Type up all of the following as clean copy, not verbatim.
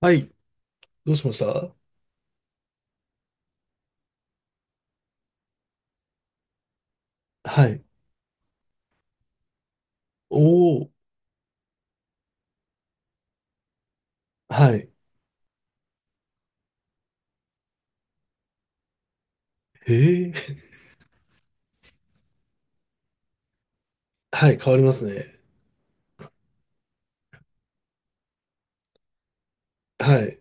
はい。どうしました？はい。おお、はい。へえ。はい、変わりますね。はい。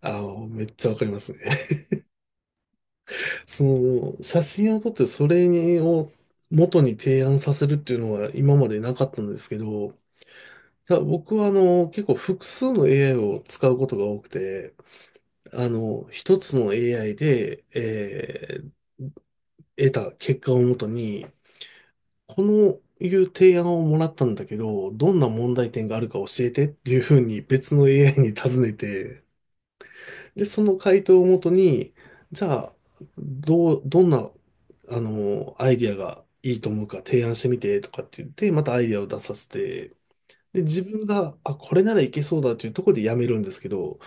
あの、めっちゃわかりますね。その、写真を撮ってそれを元に提案させるっていうのは今までなかったんですけど、いや僕はあの、結構複数の AI を使うことが多くて、あの、一つの AI で、得た結果をもとに、このいう提案をもらったんだけど、どんな問題点があるか教えてっていうふうに別の AI に尋ねて、で、その回答をもとに、じゃあ、どんな、あの、アイディアがいいと思うか提案してみてとかって言って、またアイディアを出させて、で、自分が、あ、これならいけそうだというところでやめるんですけど、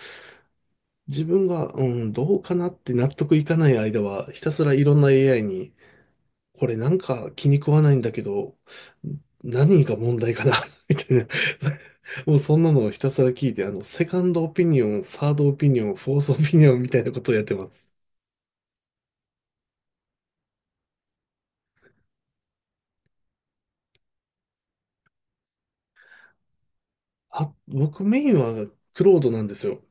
自分が、うん、どうかなって納得いかない間は、ひたすらいろんな AI にこれなんか気に食わないんだけど、何が問題かな みたいな。もうそんなのをひたすら聞いて、あの、セカンドオピニオン、サードオピニオン、フォースオピニオンみたいなことをやってます。あ、僕メインはクロードなんですよ。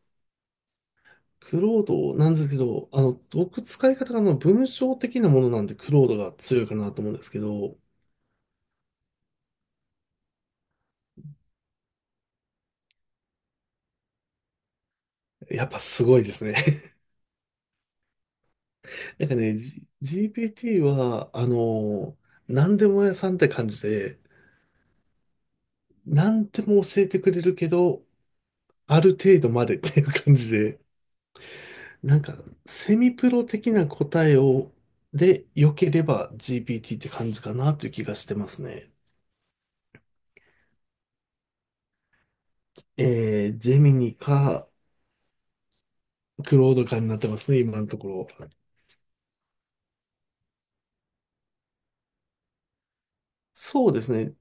クロードなんですけど、あの、僕使い方があの文章的なものなんでクロードが強いかなと思うんですけど、やっぱすごいですね。なんかね、GPT は、あの、何でも屋さんって感じで、何でも教えてくれるけど、ある程度までっていう感じで、なんか、セミプロ的な答えを、で、良ければ GPT って感じかなという気がしてますね。えー、ジェミニか、クロードかになってますね、今のところ。そうですね。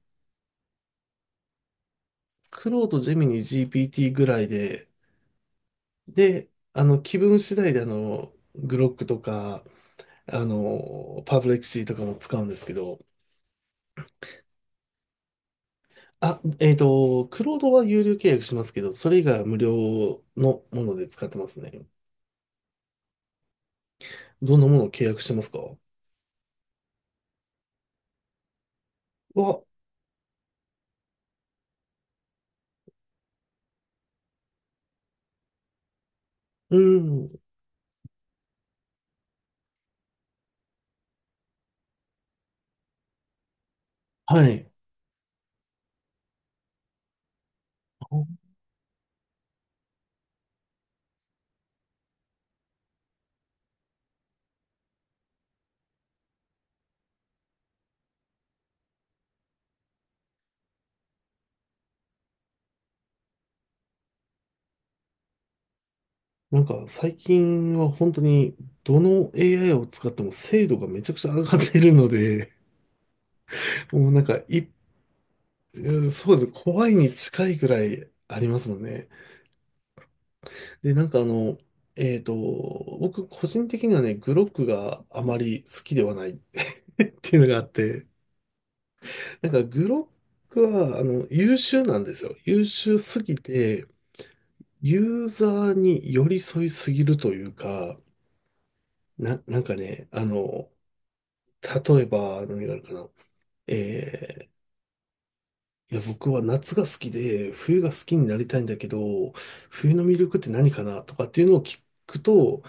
クロード、ジェミニ、GPT ぐらいで、で、あの、気分次第で、あの、グロックとか、あの、パブレクシーとかも使うんですけど、あ、えっと、クロードは有料契約しますけど、それ以外は無料のもので使ってますね。どんなものを契約してますか？は、うん、はい。なんか最近は本当にどの AI を使っても精度がめちゃくちゃ上がってるので、もうなんかい、うん、そうですね。怖いに近いくらいありますもんね。で、なんかあの、えっと、僕個人的にはね、グロックがあまり好きではない っていうのがあって、なんかグロックはあの優秀なんですよ。優秀すぎて、ユーザーに寄り添いすぎるというか、なんかね、あの、例えば、何があるかな。えー、いや、僕は夏が好きで、冬が好きになりたいんだけど、冬の魅力って何かなとかっていうのを聞くと、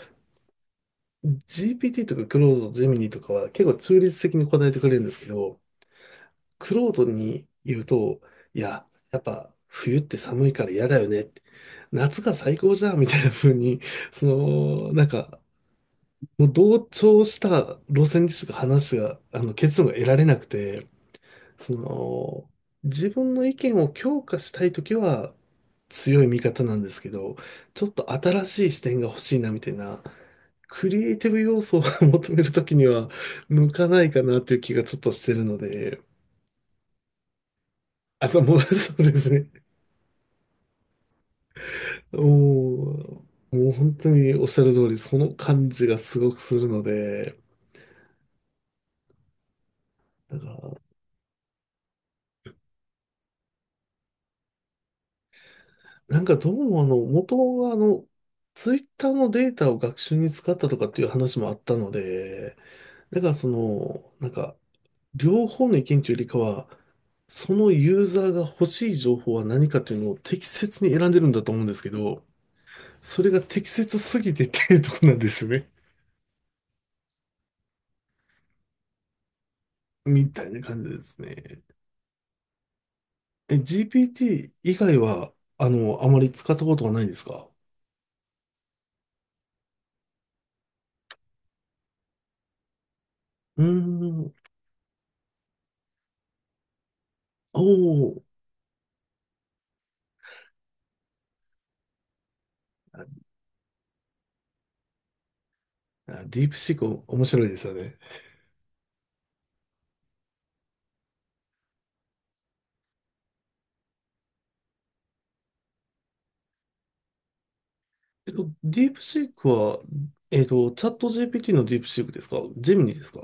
GPT とかクロード、ゼミニとかは結構中立的に答えてくれるんですけど、クロードに言うと、いや、やっぱ冬って寒いから嫌だよねって。夏が最高じゃんみたいな風に、その、なんか、もう同調した路線でしか話が、あの、結論が得られなくて、その、自分の意見を強化したいときは強い味方なんですけど、ちょっと新しい視点が欲しいなみたいな、クリエイティブ要素を 求めるときには向かないかなという気がちょっとしてるので、あ、そうもう そうですね。ももう本当におっしゃる通り、その感じがすごくするので、だからなんかどうもあの、元はあの、ツイッターのデータを学習に使ったとかっていう話もあったので、だからその、なんか、両方の意見というよりかは、そのユーザーが欲しい情報は何かというのを適切に選んでるんだと思うんですけど、それが適切すぎてっていうとこなんですよね。みたいな感じですね。え、GPT 以外は、あの、あまり使ったことはないんですか？うーん。おー、あ、ディープシーク面白いですよね。えっと、ディープシークは、えっと、チャット GPT のディープシークですか？ジェミニですか？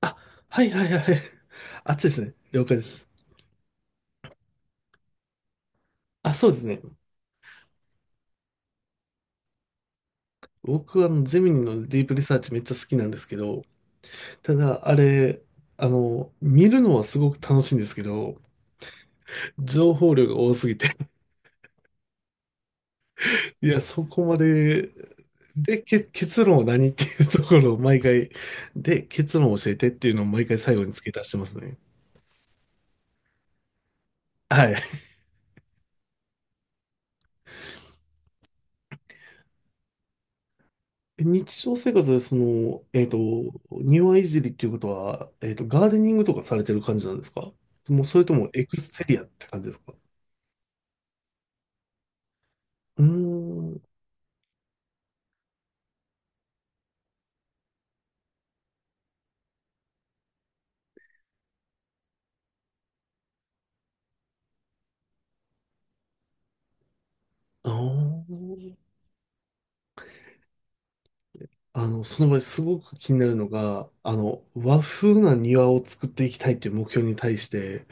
あ、はいはいはいはい。あっちですね。了解です。あ、そうですね。僕はあの、ゼミニのディープリサーチめっちゃ好きなんですけど、ただ、あれ、あの、見るのはすごく楽しいんですけど、情報量が多すぎて、いや、そこまで、で、結論は何っていうところを毎回、で、結論を教えてっていうのを毎回最後に付け足してますね。はい。日常生活でその、えっと、庭いじりっていうことは、えっと、ガーデニングとかされてる感じなんですか？もうそれともエクステリアって感じですか？うーん、あー、あの、その場合すごく気になるのが、あの、和風な庭を作っていきたいっていう目標に対して、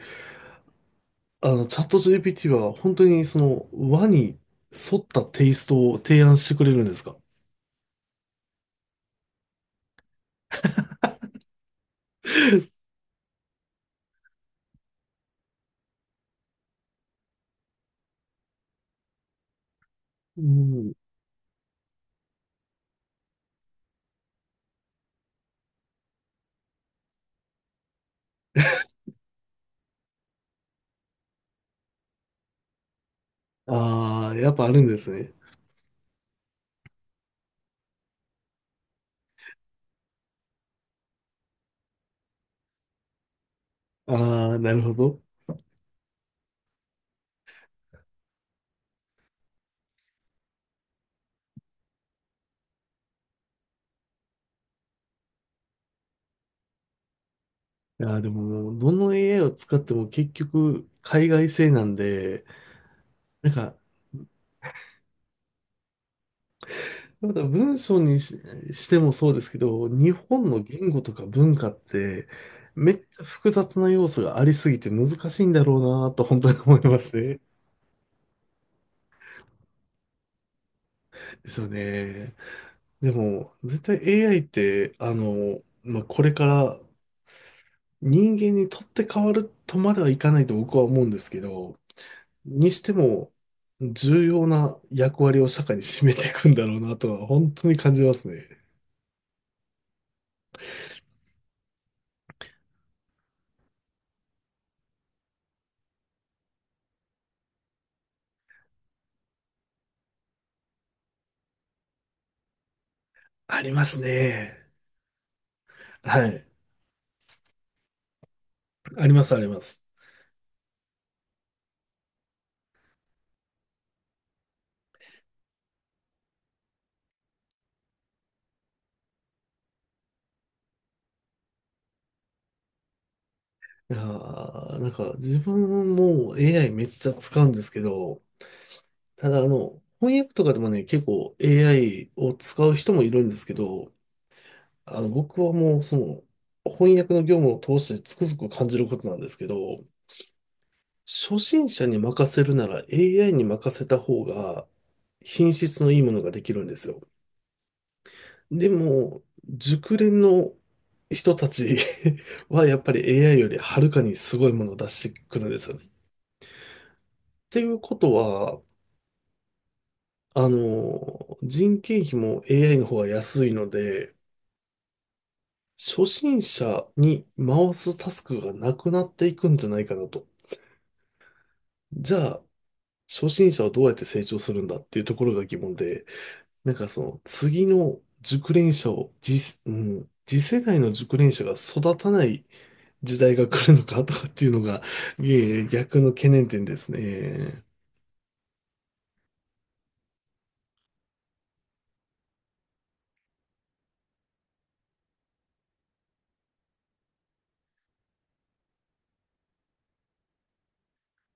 あの、チャット GPT は本当にその和に沿ったテイストを提案してくれるんですか？うん。ああ、やっぱあるんですね。ああ、なるほど。いやー、でも、どの AI を使っても結局、海外製なんで、なんか、また文章にし、してもそうですけど、日本の言語とか文化って、めっちゃ複雑な要素がありすぎて難しいんだろうなと本当に思いますね。ですよね。でも、絶対 AI って、あの、まあ、これから人間にとって変わるとまではいかないと僕は思うんですけど、にしても、重要な役割を社会に占めていくんだろうなとは、本当に感じますね。ありますね。はい。あります、あります。いやーなんか、自分も AI めっちゃ使うんですけど、ただ、あの、翻訳とかでもね、結構 AI を使う人もいるんですけど、あの、僕はもう、その、翻訳の業務を通してつくづく感じることなんですけど、初心者に任せるなら AI に任せた方が品質のいいものができるんですよ。でも、熟練の人たち はやっぱり AI よりはるかにすごいものを出してくるんですよね。っていうことは、あの、人件費も AI の方が安いので、初心者に回すタスクがなくなっていくんじゃないかなと。じゃあ、初心者はどうやって成長するんだっていうところが疑問で、なんかその次の熟練者を次、うん、次世代の熟練者が育たない時代が来るのかとかっていうのが、いえいえ、逆の懸念点ですね。